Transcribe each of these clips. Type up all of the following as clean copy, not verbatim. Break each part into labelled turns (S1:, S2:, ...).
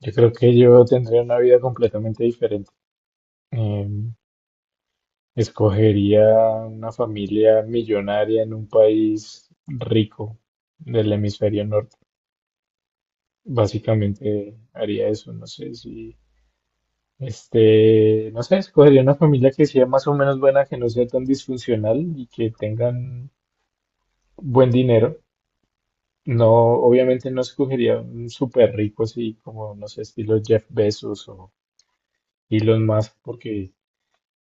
S1: Yo creo que yo tendría una vida completamente diferente. Em, Escogería una familia millonaria en un país rico del hemisferio norte. Básicamente haría eso, no sé si, no sé, escogería una familia que sea más o menos buena, que no sea tan disfuncional y que tengan buen dinero. No, obviamente no escogería un súper rico así como, no sé, estilo Jeff Bezos o Elon Musk, porque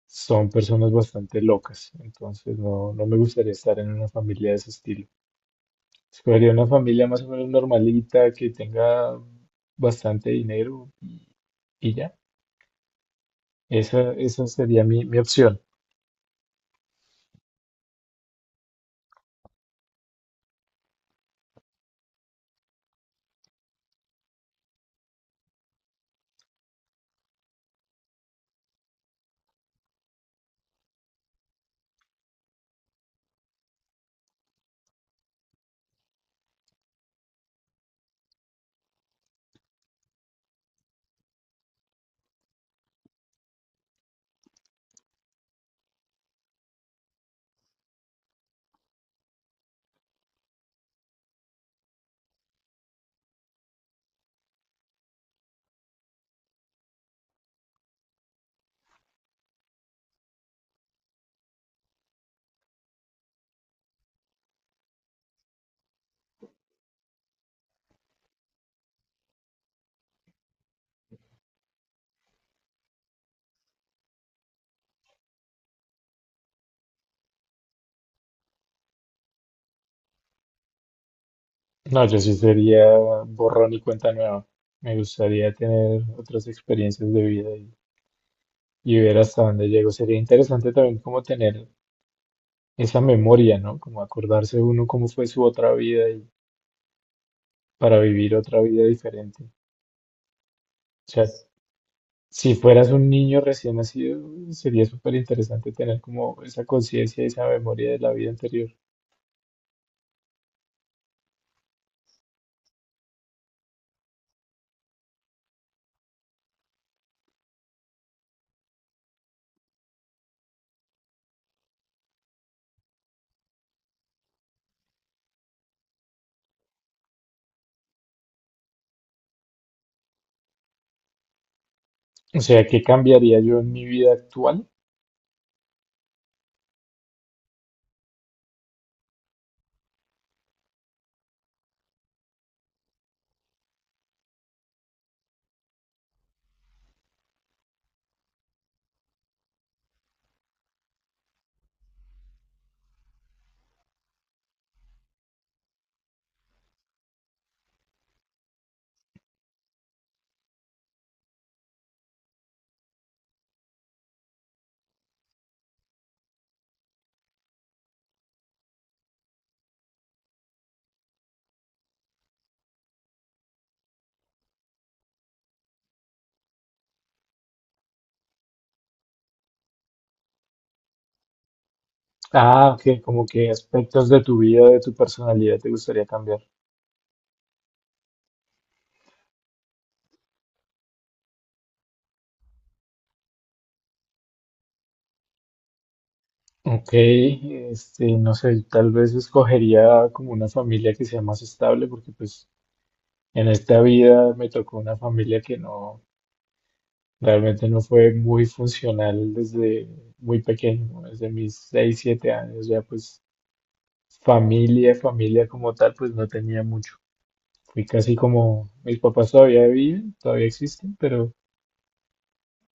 S1: son personas bastante locas, entonces no me gustaría estar en una familia de ese estilo. Escogería una familia más o menos normalita, que tenga bastante dinero y ya. Esa sería mi opción. No, yo sí sería borrón y cuenta nueva. Me gustaría tener otras experiencias de vida y ver hasta dónde llego. Sería interesante también como tener esa memoria, ¿no? Como acordarse uno cómo fue su otra vida y para vivir otra vida diferente. O sea, si fueras un niño recién nacido, sería súper interesante tener como esa conciencia y esa memoria de la vida anterior. O sea, ¿qué cambiaría yo en mi vida actual? Ah, ok, como que aspectos de tu vida, de tu personalidad te gustaría cambiar. Ok, no sé, tal vez escogería como una familia que sea más estable, porque pues en esta vida me tocó una familia que no, realmente no fue muy funcional desde muy pequeño, ¿no? Desde mis 6 o 7 años, ya pues familia, familia como tal, pues no tenía mucho. Fui casi como, mis papás todavía viven, todavía existen, pero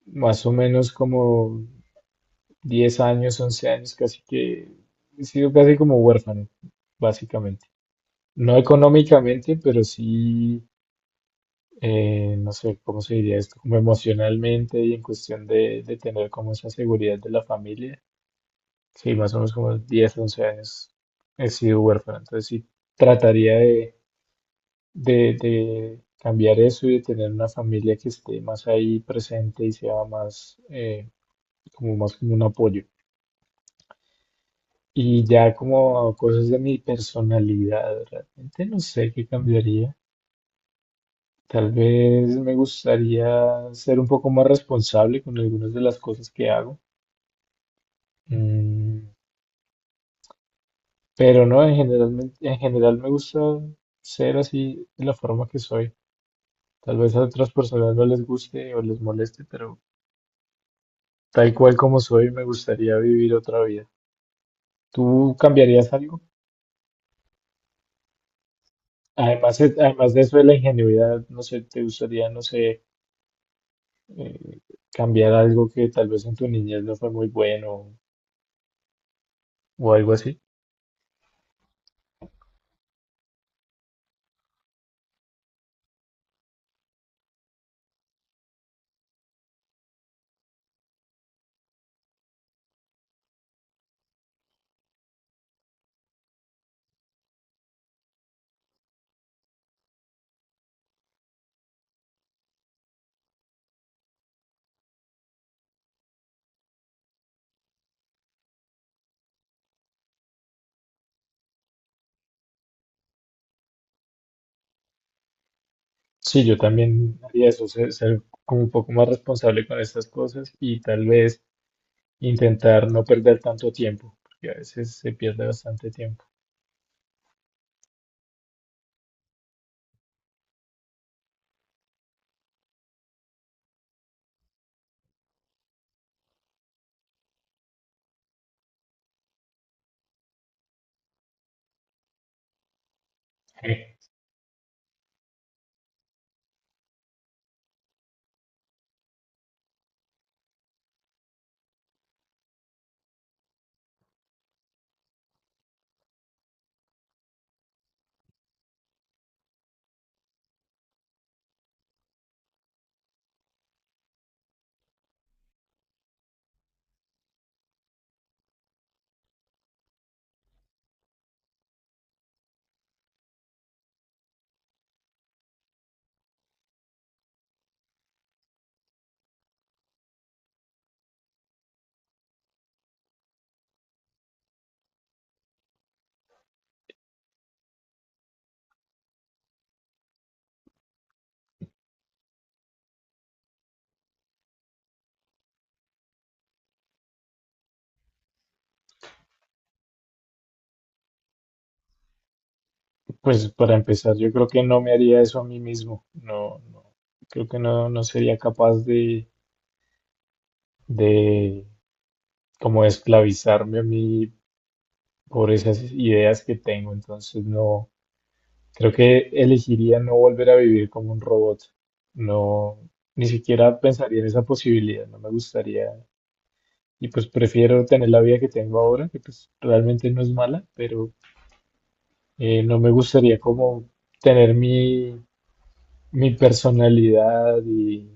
S1: más o menos como 10 años, 11 años, casi que he sido casi como huérfano, básicamente. No económicamente, pero sí, no sé cómo se diría esto, como emocionalmente y en cuestión de tener como esa seguridad de la familia. Sí, más o menos como 10 u 11 años he sido huérfano, entonces sí trataría de cambiar eso y de tener una familia que esté más ahí presente y sea más, como más como un apoyo. Y ya como cosas de mi personalidad, realmente no sé qué cambiaría. Tal vez me gustaría ser un poco más responsable con algunas de las cosas que hago. Mm, pero no, en general, en general me gusta ser así de la forma que soy. Tal vez a otras personas no les guste o les moleste, pero tal cual como soy, me gustaría vivir otra vida. ¿Tú cambiarías algo? Además, además de eso de la ingenuidad, no sé, ¿te gustaría, no sé, eh, cambiar algo que tal vez en tu niñez no fue muy bueno o algo así? Sí, yo también haría eso, ser como un poco más responsable con estas cosas y tal vez intentar no perder tanto tiempo, porque a veces se pierde bastante tiempo. Pues para empezar, yo creo que no me haría eso a mí mismo. No, Creo que no, no sería capaz de como esclavizarme a mí por esas ideas que tengo. Entonces no, creo que elegiría no volver a vivir como un robot. No, ni siquiera pensaría en esa posibilidad, no me gustaría. Y pues prefiero tener la vida que tengo ahora, que pues realmente no es mala, pero no me gustaría como tener mi personalidad y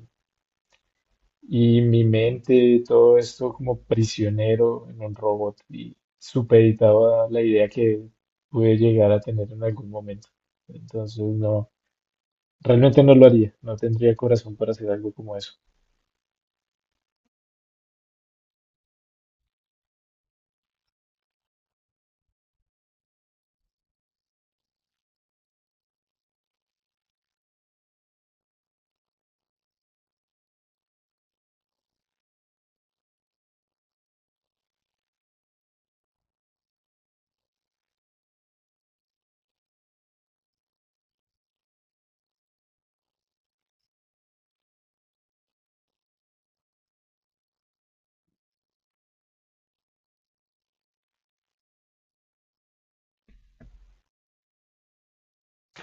S1: y mi mente, todo esto como prisionero en un robot y supeditado a la idea que pude llegar a tener en algún momento. Entonces, no, realmente no lo haría, no tendría corazón para hacer algo como eso.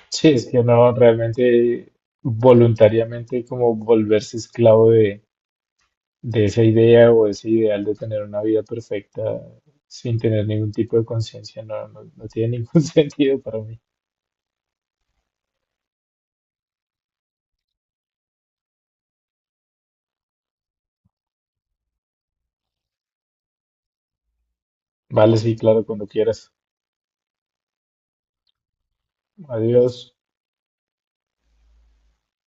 S1: Sí, es que no, realmente voluntariamente como volverse esclavo de esa idea o ese ideal de tener una vida perfecta sin tener ningún tipo de conciencia, no, no tiene ningún sentido para mí. Vale, sí, claro, cuando quieras. Adiós.